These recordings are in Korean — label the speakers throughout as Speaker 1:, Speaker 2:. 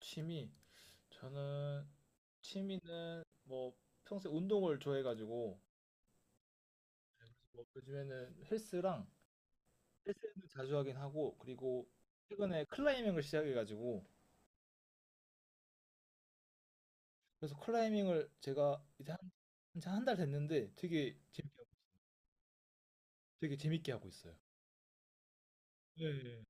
Speaker 1: 취미. 저는 취미는 뭐 평소에 운동을 좋아해가지고. 네, 그래서 뭐 요즘에는 헬스랑, 헬스는 자주 하긴 하고. 그리고 최근에 클라이밍을 시작해가지고 그래서 클라이밍을 제가 이제 한한 달 됐는데 되게 재밌게 되게 재밌게 하고 있어요. 네.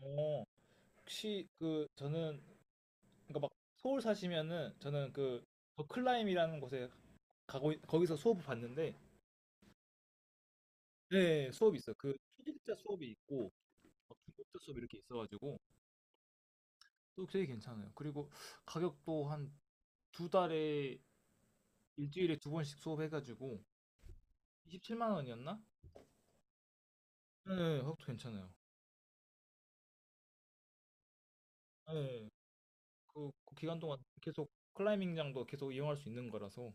Speaker 1: 어, 혹시 저는 그러니까 막 서울 사시면은 저는 그 더 클라임이라는 곳에 거기서 수업을 봤는데. 네, 수업이 있어요. 그 초급자 수업이 있고 막 중급자 수업 이렇게 있어가지고 또 되게 괜찮아요. 그리고 가격도 한 두 달에 일주일에 2번씩 수업해가지고 27만 원이었나? 네, 그것도 괜찮아요. 네, 그 기간 동안 계속 클라이밍장도 계속 이용할 수 있는 거라서.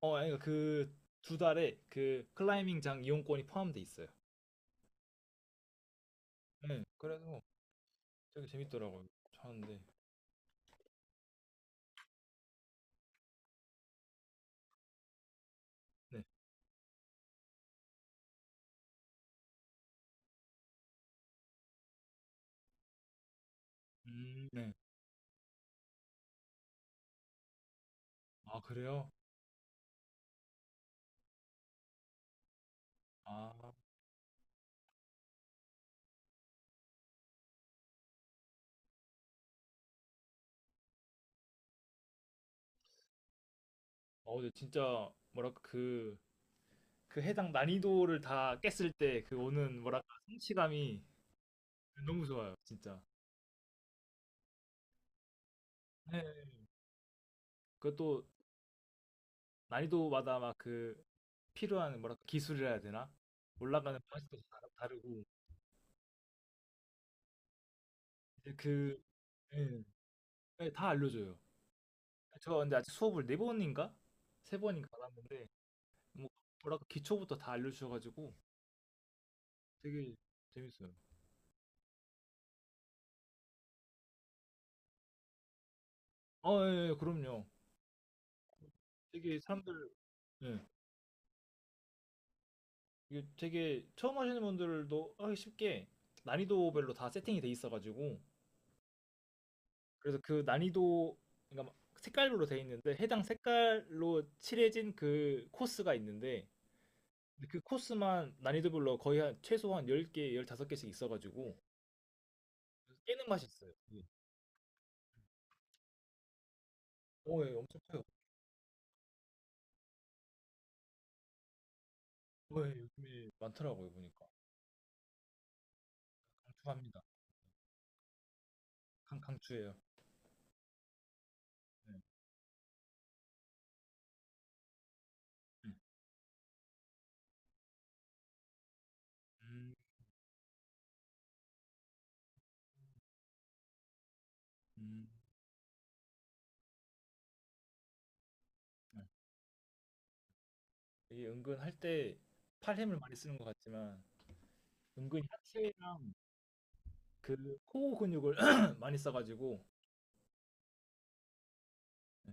Speaker 1: 어, 아니 그두 달에 그 클라이밍장 이용권이 포함돼 있어요. 네, 그래서 되게 재밌더라고요. 하는데. 네. 음. 네. 아 그래요? 아. 어, 근데 진짜 뭐랄까 그 해당 난이도를 다 깼을 때 그 오는 뭐랄까 성취감이 너무 좋아요, 진짜. 네. 그것도 난이도마다 막 그 필요한 뭐랄까 기술이라 해야 되나? 올라가는 방식도 다 다르고. 이제 그, 예, 예, 다 알려줘요. 제가 근데 아직 수업을 4번인가 3번인가 받았는데 뭐 뭐랄까 기초부터 다 알려주셔가지고 되게 재밌어요. 어, 예, 예, 그럼요. 되게 사람들, 예. 이게 되게 처음 하시는 분들도 하기 쉽게 난이도별로 다 세팅이 돼 있어가지고, 그래서 그 난이도, 그러니까 막 색깔별로 돼 있는데 해당 색깔로 칠해진 그 코스가 있는데 근데 그 코스만 난이도별로 거의 한 최소한 10개, 15개씩 있어가지고 그래서 깨는 맛이 있어요. 예. 어, 예, 엄청 커요. 어, 예, 요즘에 많더라고요, 보니까. 강추합니다. 강추예요. 네. 네. 음. 음. 네. 이게 은근 할 때 팔힘을 많이 쓰는 것 같지만 은근히 하체랑 그 코어 근육을 많이 써가지고. 예.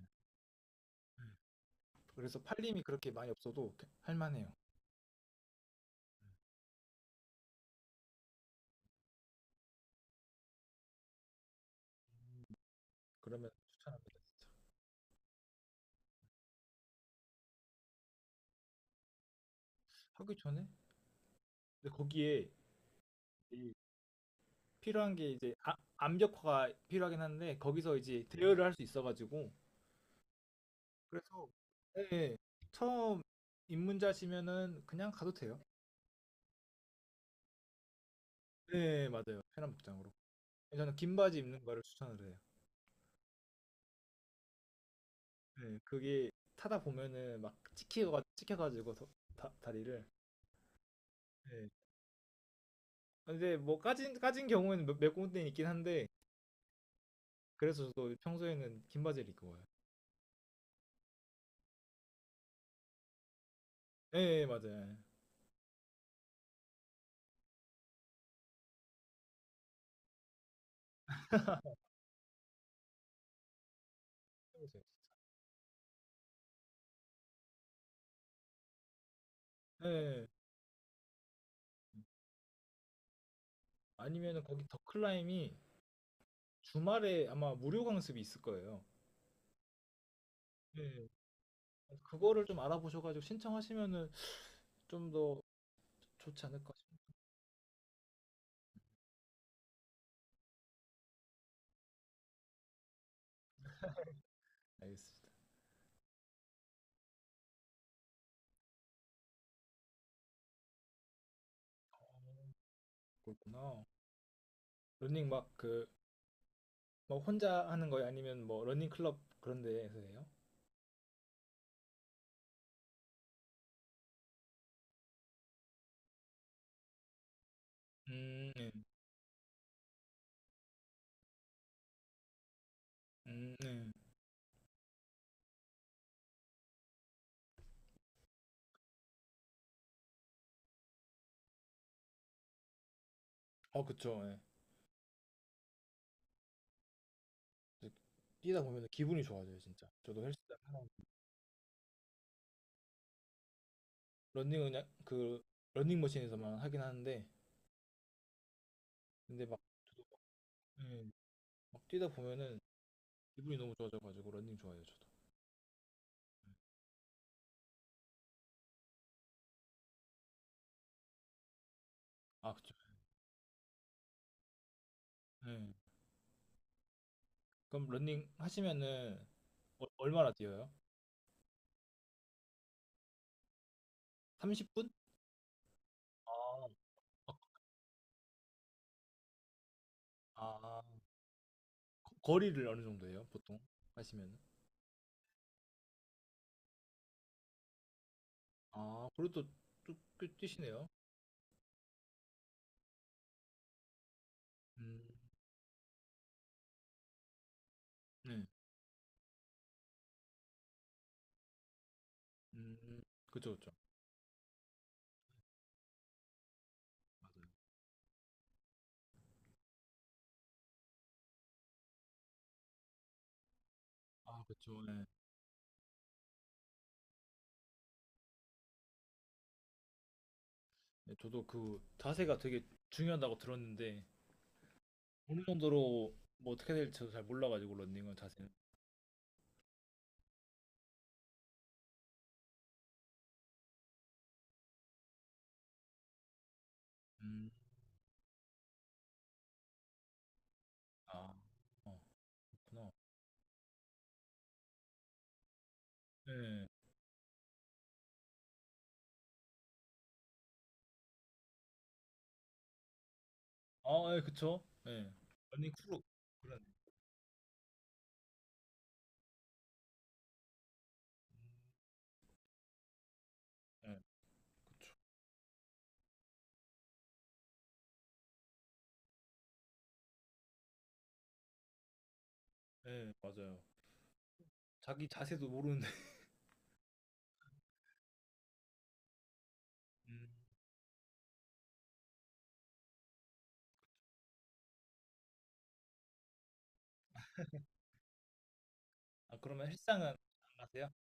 Speaker 1: 그래서 팔림이 그렇게 많이 없어도 할만해요. 그러면 추천합니다, 진짜. 하기 전에, 근데 거기에 이 필요한 게 이제 암벽화가 필요하긴 한데 거기서 이제 대여를 할 수 있어가지고 그래서, 예, 예. 처음 입문자시면은 그냥 가도 돼요. 네, 맞아요. 편한 복장으로. 예, 저는 긴 바지 입는 거를 추천을 해요. 네, 그게 타다 보면은 막 찍혀가지고 더- 다리를, 예. 아, 근데 뭐 까진 경우에는 몇 군데 있긴 한데 그래서 저도 평소에는 긴 바지를 입고 와요. 예, 예, 맞아요. 예. 예. 예. 아니면은 거기 더 클라임이 주말에 아마 무료 강습이 있을 거예요. 예. 그거를 좀 알아보셔가지고 신청하시면은 좀 더 좋지 않을까 싶습니다. 알겠습니다. 그렇구나. 러닝 막 그 막 혼자 하는 거예요? 아니면 뭐 러닝 클럽 그런 데에서 해요? 예. 네. 어, 그쵸. 예. 이제 뛰다 보면 기분이 좋아져요, 진짜. 저도 헬스장 하나, 런닝은 그 런닝머신에서만 하긴 하는데 근데 막, 저도 막, 예, 막 뛰다 보면은 기분이 너무 좋아져가지고 런닝 좋아해요 저도. 예. 아 그쵸, 예. 그럼 런닝 하시면은 어- 얼마나 뛰어요? 30분? 아. 아 거리를 어느 정도예요 보통 하시면은. 아 그래도 쭉 뛰시네요. 음. 네. 음. 그쵸, 그쵸. 맞아요. 아 그쵸, 예. 네. 저도 그 자세가 되게 중요하다고 들었는데 어느 정도로 뭐 어떻게 될지 저도 잘 몰라가지고 런닝은 자세는. 음. 아. 어, 그렇구나. 예, 예. 아, 예, 그쵸. 예, 런닝 크루. 그런, 예, 그쵸. 예, 맞아요. 자기 자세도 모르는데. 음. 아, 그러면 헬스장은 안 가세요?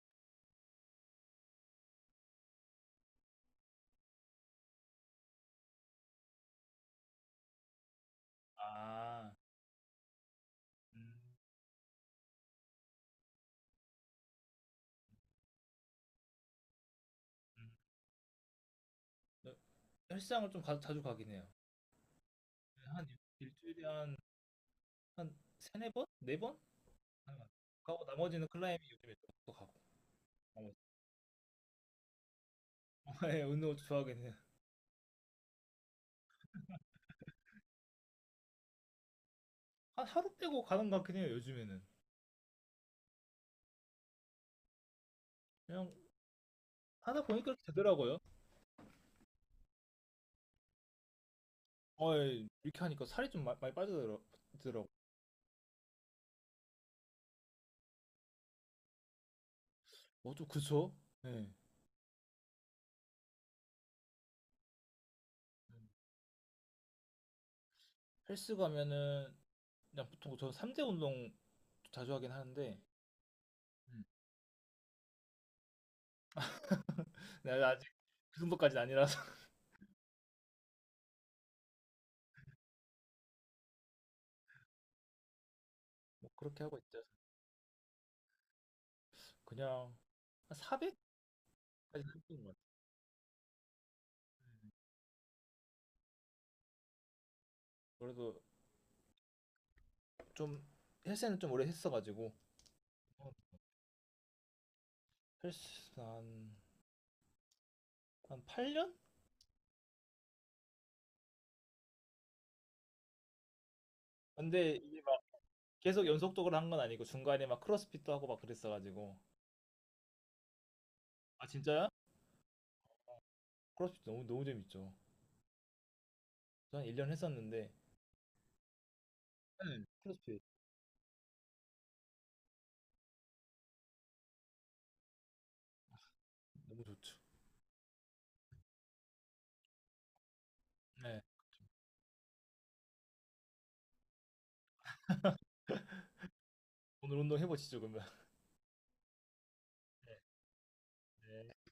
Speaker 1: 아. 음. 음. 네, 헬스장을 좀 자주 가긴 해요. 한 일주일에 한, 한 3~4번? 4번? 하는 것 같아요. 가고 나머지는 클라이밍 요즘에 또 가고. 나머지. 예, 운동 좋아하긴 해요. 하루 빼고 가는 것 같긴 해요, 요즘에는. 그냥 하다 보니까 이렇게 되더라고요. 어, 예, 이렇게 하니까 살이 좀 많이 빠지더라고요. 어, 좀 그쵸? 예. 헬스 가면은 그냥 보통 저는 3대 운동 자주 하긴 하는데. 음. 나 아직 그 정도까지는 아니라서. 뭐 그렇게 하고 있죠. 그냥 한 400까지 했던 것 같아요. 그래도 좀 헬스는 좀 오래 했어가지고. 어, 헬스 한 8년? 근데 이게 계속 연속적으로 한 건 아니고 중간에 막 크로스핏도 하고 막 그랬어가지고. 아 진짜요? 크로스핏 너무 너무 재밌죠. 저 한 1년 했었는데. 네. 크로스핏 너무 좋죠. 네, 오늘 운동 해보시죠 그러면. 네. 네.